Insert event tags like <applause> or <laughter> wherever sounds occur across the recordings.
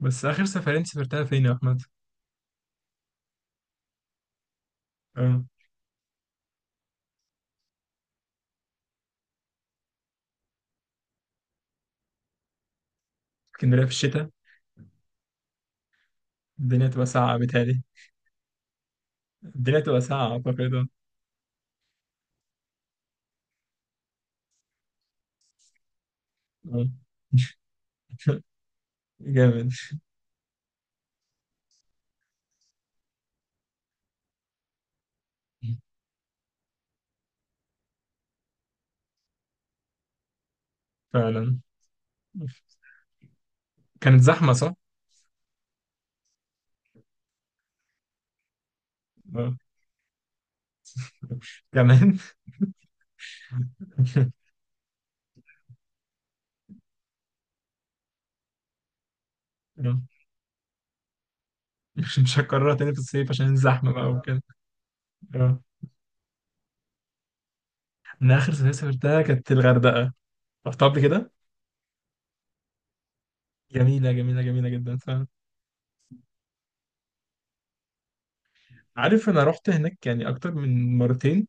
بس آخر سفرين سافرتها فين يا أحمد؟ اه. اسكندرية في الشتاء، الدنيا تبقى ساقعة بتهيألي. الدنيا تبقى ساقعة أعتقد، اه. آه. <laughs> جامد. فعلا، كانت زحمة صح؟ اه. كمان. <laughs> آه. مش هكررها تاني في الصيف عشان الزحمة بقى وكده. اه. أنا آخر سفرية سافرتها كانت الغردقة. رحتها قبل كده؟ جميلة جميلة جميلة جدا فعلا. عارف، أنا رحت هناك يعني أكتر من مرتين،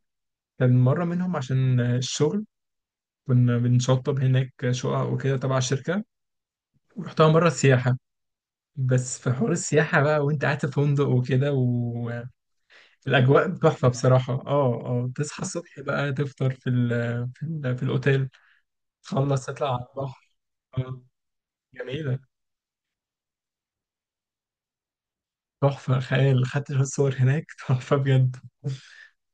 كان مرة منهم عشان الشغل، كنا بنشطب هناك شقق وكده تبع الشركة. رحتها مرة سياحة، بس في حوار السياحة بقى وانت قاعد في فندق وكده والأجواء تحفة بصراحة. اه، اه، تصحى الصبح بقى تفطر في الأوتيل، تخلص تطلع على البحر. اه. جميلة. تحفة خيال، خدت شوية صور هناك <laughs> تحفة بجد.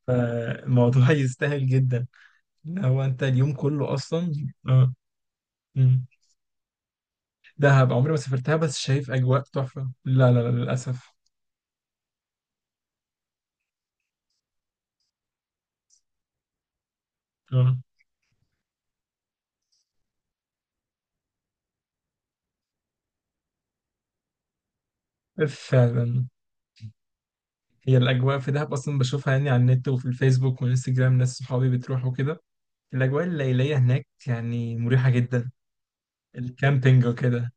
فالموضوع يستاهل جدا، ان هو انت اليوم كله اصلا. اه. مم. دهب عمري ما سافرتها بس شايف اجواء تحفه، لا لا لا للاسف. اه. فعلا. هي الأجواء في دهب أصلا بشوفها يعني على النت وفي الفيسبوك والإنستجرام، ناس صحابي بتروح وكده. الأجواء الليلية هناك يعني مريحة جدا. الكامبينج وكده.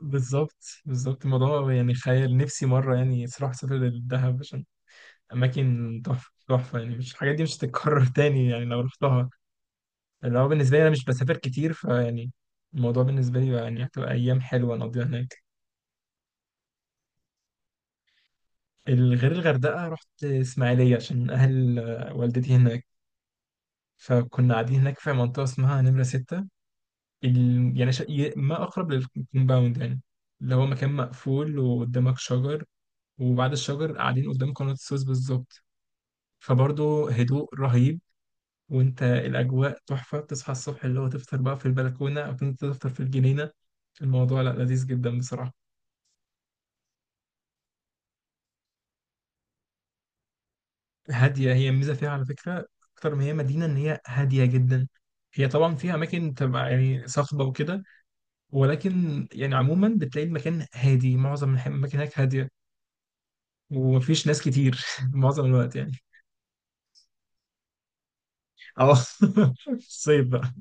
بالظبط بالظبط، الموضوع يعني خيال. نفسي مرة يعني صراحة أسافر للدهب عشان أماكن تحفة تحفة، يعني مش الحاجات دي مش هتتكرر <laughs> تاني يعني لو رحتها. اللي هو بالنسبة لي أنا مش بسافر كتير فيعني الموضوع بالنسبة لي يعني هتبقى أيام حلوة نقضيها هناك. غير الغردقة رحت إسماعيلية عشان أهل والدتي هناك، فكنا قاعدين هناك في منطقة اسمها نمرة ستة. ال... يعني شا... ي- ما أقرب للكومباوند يعني، اللي هو مكان مقفول وقدامك شجر. وبعد الشجر قاعدين قدام قناة السويس بالظبط، فبرضه هدوء رهيب. وانت الأجواء تحفة، تصحى الصبح اللي هو تفطر بقى في البلكونة أو كنت تفطر في الجنينة. الموضوع لا، لذيذ جدا بصراحة. هادية، هي الميزة فيها على فكرة أكتر ما هي مدينة، إن هي هادية جدا. هي طبعا فيها أماكن تبقى يعني صخبة وكده، ولكن يعني عموما بتلاقي المكان هادي، معظم الأماكن هناك هادية، ومفيش ناس كتير <laughs> معظم الوقت يعني. اه. <laughs> في الصيف بقى،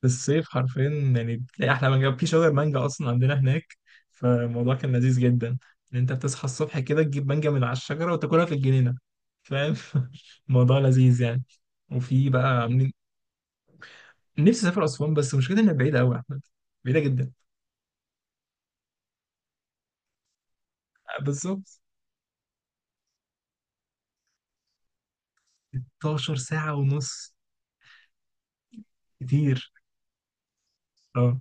في الصيف حرفيا. يعني بتلاقي أحلى مانجا في شجر مانجا أصلا عندنا هناك، فالموضوع كان لذيذ جدا. إن أنت بتصحى الصبح كده تجيب مانجا من على الشجرة وتاكلها في الجنينة، فاهم. <laughs> الموضوع لذيذ يعني. وفي بقى عاملين. نفسي أسافر أسوان بس مشكلة إنها بعيدة أوي يا أحمد، بعيدة جدا. بالظبط، 16 ساعة ونص، كتير. اه.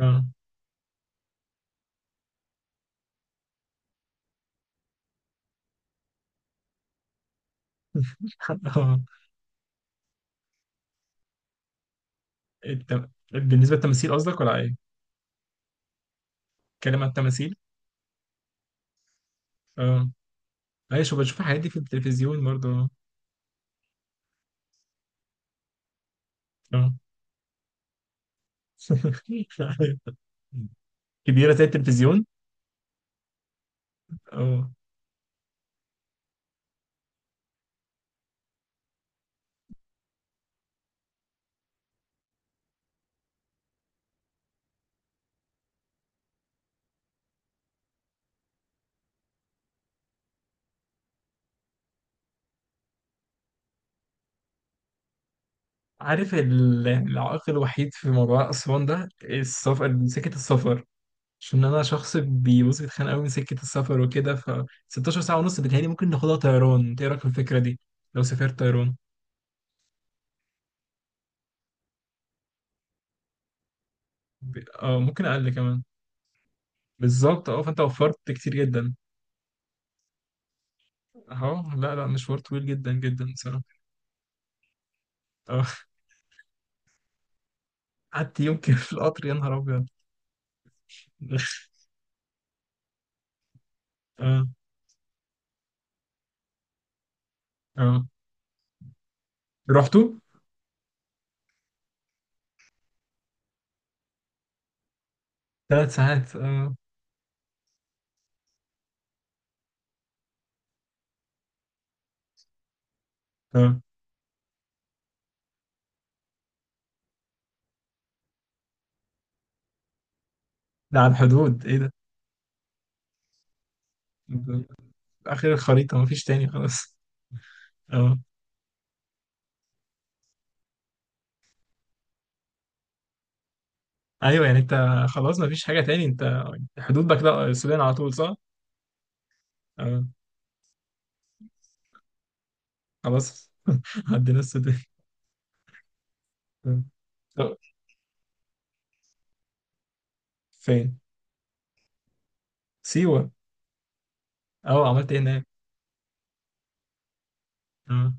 اه. <laughs> اه. بالنسبة للتماثيل قصدك ولا ايه؟ اتكلم عن التماثيل؟ اه. ايوه، شو بشوف الحاجات دي في التلفزيون برضه. اه. آه. <laughs> كبيرة زي التلفزيون. اه. عارف العائق الوحيد في موضوع أسوان ده السفر، سكة السفر، عشان أنا شخص بيبص بيتخانق أوي من سكة السفر وكده. ف 16 ساعة ونص بتهيألي ممكن ناخدها طيران، إنت إيه رأيك في الفكرة دي؟ لو سافرت طيران. ممكن أقل كمان. بالظبط، اه، فأنت وفرت كتير جدا. اهو. لا لا، مشوار طويل جدا جدا بصراحة. اه. قعدت يوم كده في القطر، يا نهار ابيض. <laughs> اه. اه. رحتوا. 3 ساعات، اه. اه. ده على الحدود، ايه ده؟ ده اخر الخريطة، مفيش تاني خلاص. <laughs> اه. ايوه يعني انت. خلاص مفيش حاجة تاني انت. حدود بقى كده السودان على طول صح؟ اه. خلاص. <laughs> عدينا السودان. آه. آه. فين؟ سيوة. اه، عملت ايه هناك؟ اه.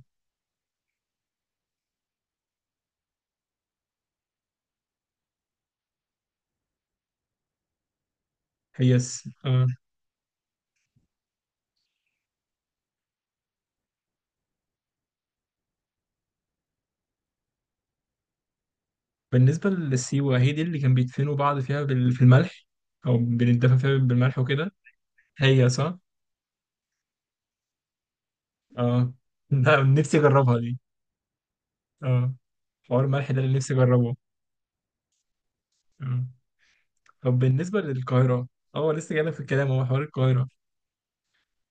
هي اه. بالنسبة للسيوة، هي دي اللي كان بيدفنوا بعض فيها في الملح، أو بنتدفن فيها بالملح وكده. هي صح؟ اه. <laughs> ده نفسي أجربها دي. اه. حوار الملح ده اللي نفسي أجربه. آه. طب بالنسبة للقاهرة. اه، لسه جايلك في الكلام، هو حوار القاهرة.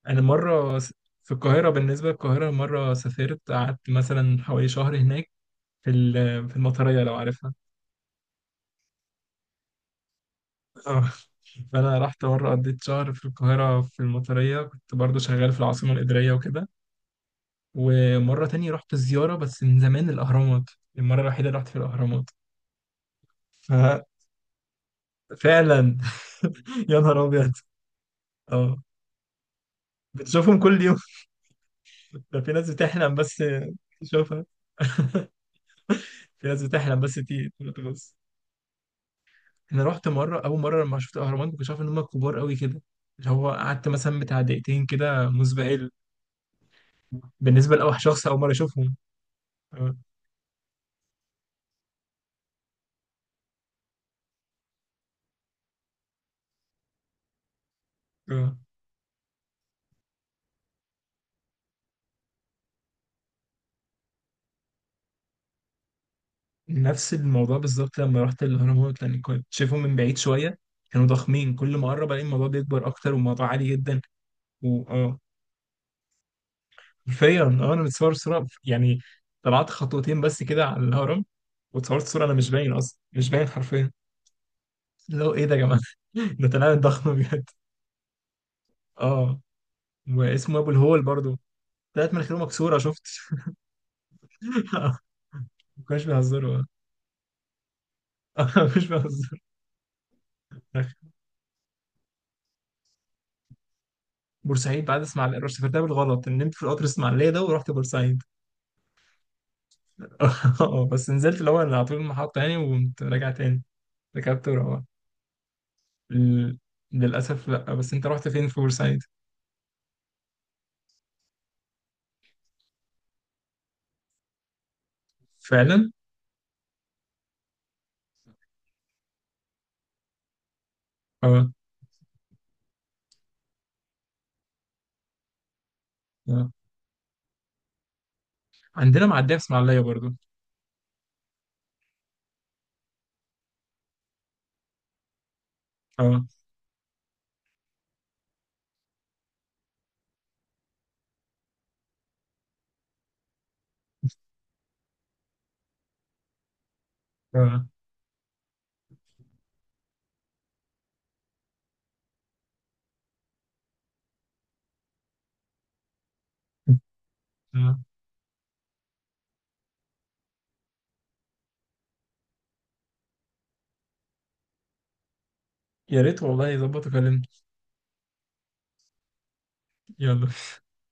أنا مرة في القاهرة، بالنسبة للقاهرة مرة سافرت قعدت مثلا حوالي شهر هناك في في المطرية لو عارفها. اه. فأنا رحت مرة قضيت شهر في القاهرة في المطرية، كنت برضو شغال في العاصمة الإدارية وكده. ومرة تانية رحت الزيارة بس من زمان الأهرامات، المرة الوحيدة اللي رحت في الأهرامات. ففعلا. <laughs> يا نهار أبيض. اه، بتشوفهم كل يوم. <laughs> ده في ناس بتحلم بس تشوفها، في ناس بتحلم بس تيجي. بس أنا رحت مرة، أول مرة لما شفت الأهرامات ما كنتش عارف إن هم كبار قوي كده، اللي هو قعدت مثلا بتاع دقيقتين كده مسبهل. بالنسبة لأول شخص أول مرة أشوفهم. اه. اه. نفس الموضوع بالظبط لما رحت الهرمونات، لان كنت شايفهم من بعيد شويه، كانوا ضخمين، كل ما اقرب الاقي الموضوع بيكبر اكتر والموضوع عالي جدا. واه، حرفيا. اه، انا متصور صوره يعني، طلعت خطوتين بس كده على الهرم، واتصورت صوره انا مش باين اصلا، مش باين حرفيا. لو ايه ده يا جماعه. <laughs> ده طلعت ضخم بجد. اه. واسمه ابو الهول برضو، طلعت مناخيره مكسوره شفت. <laughs> آه، ما كانوش بيهزروا. <laughs> آه، مش بهزر. بورسعيد بعد اسماعيليه رحت، سافرتها بالغلط، نمت في القطر اسماعيليه ده ورحت بورسعيد. <laughs> اه، بس نزلت الأول أنا على طول المحطة يعني وقمت راجع تاني، ركبت وروحت. ال- للأسف لأ، بس أنت رحت فين في بورسعيد؟ فعلا؟ اه. اه. عندنا معدية في إسماعيلية برضو. اه. اه. آه. يا ريت والله يظبط وكلمني. يلا.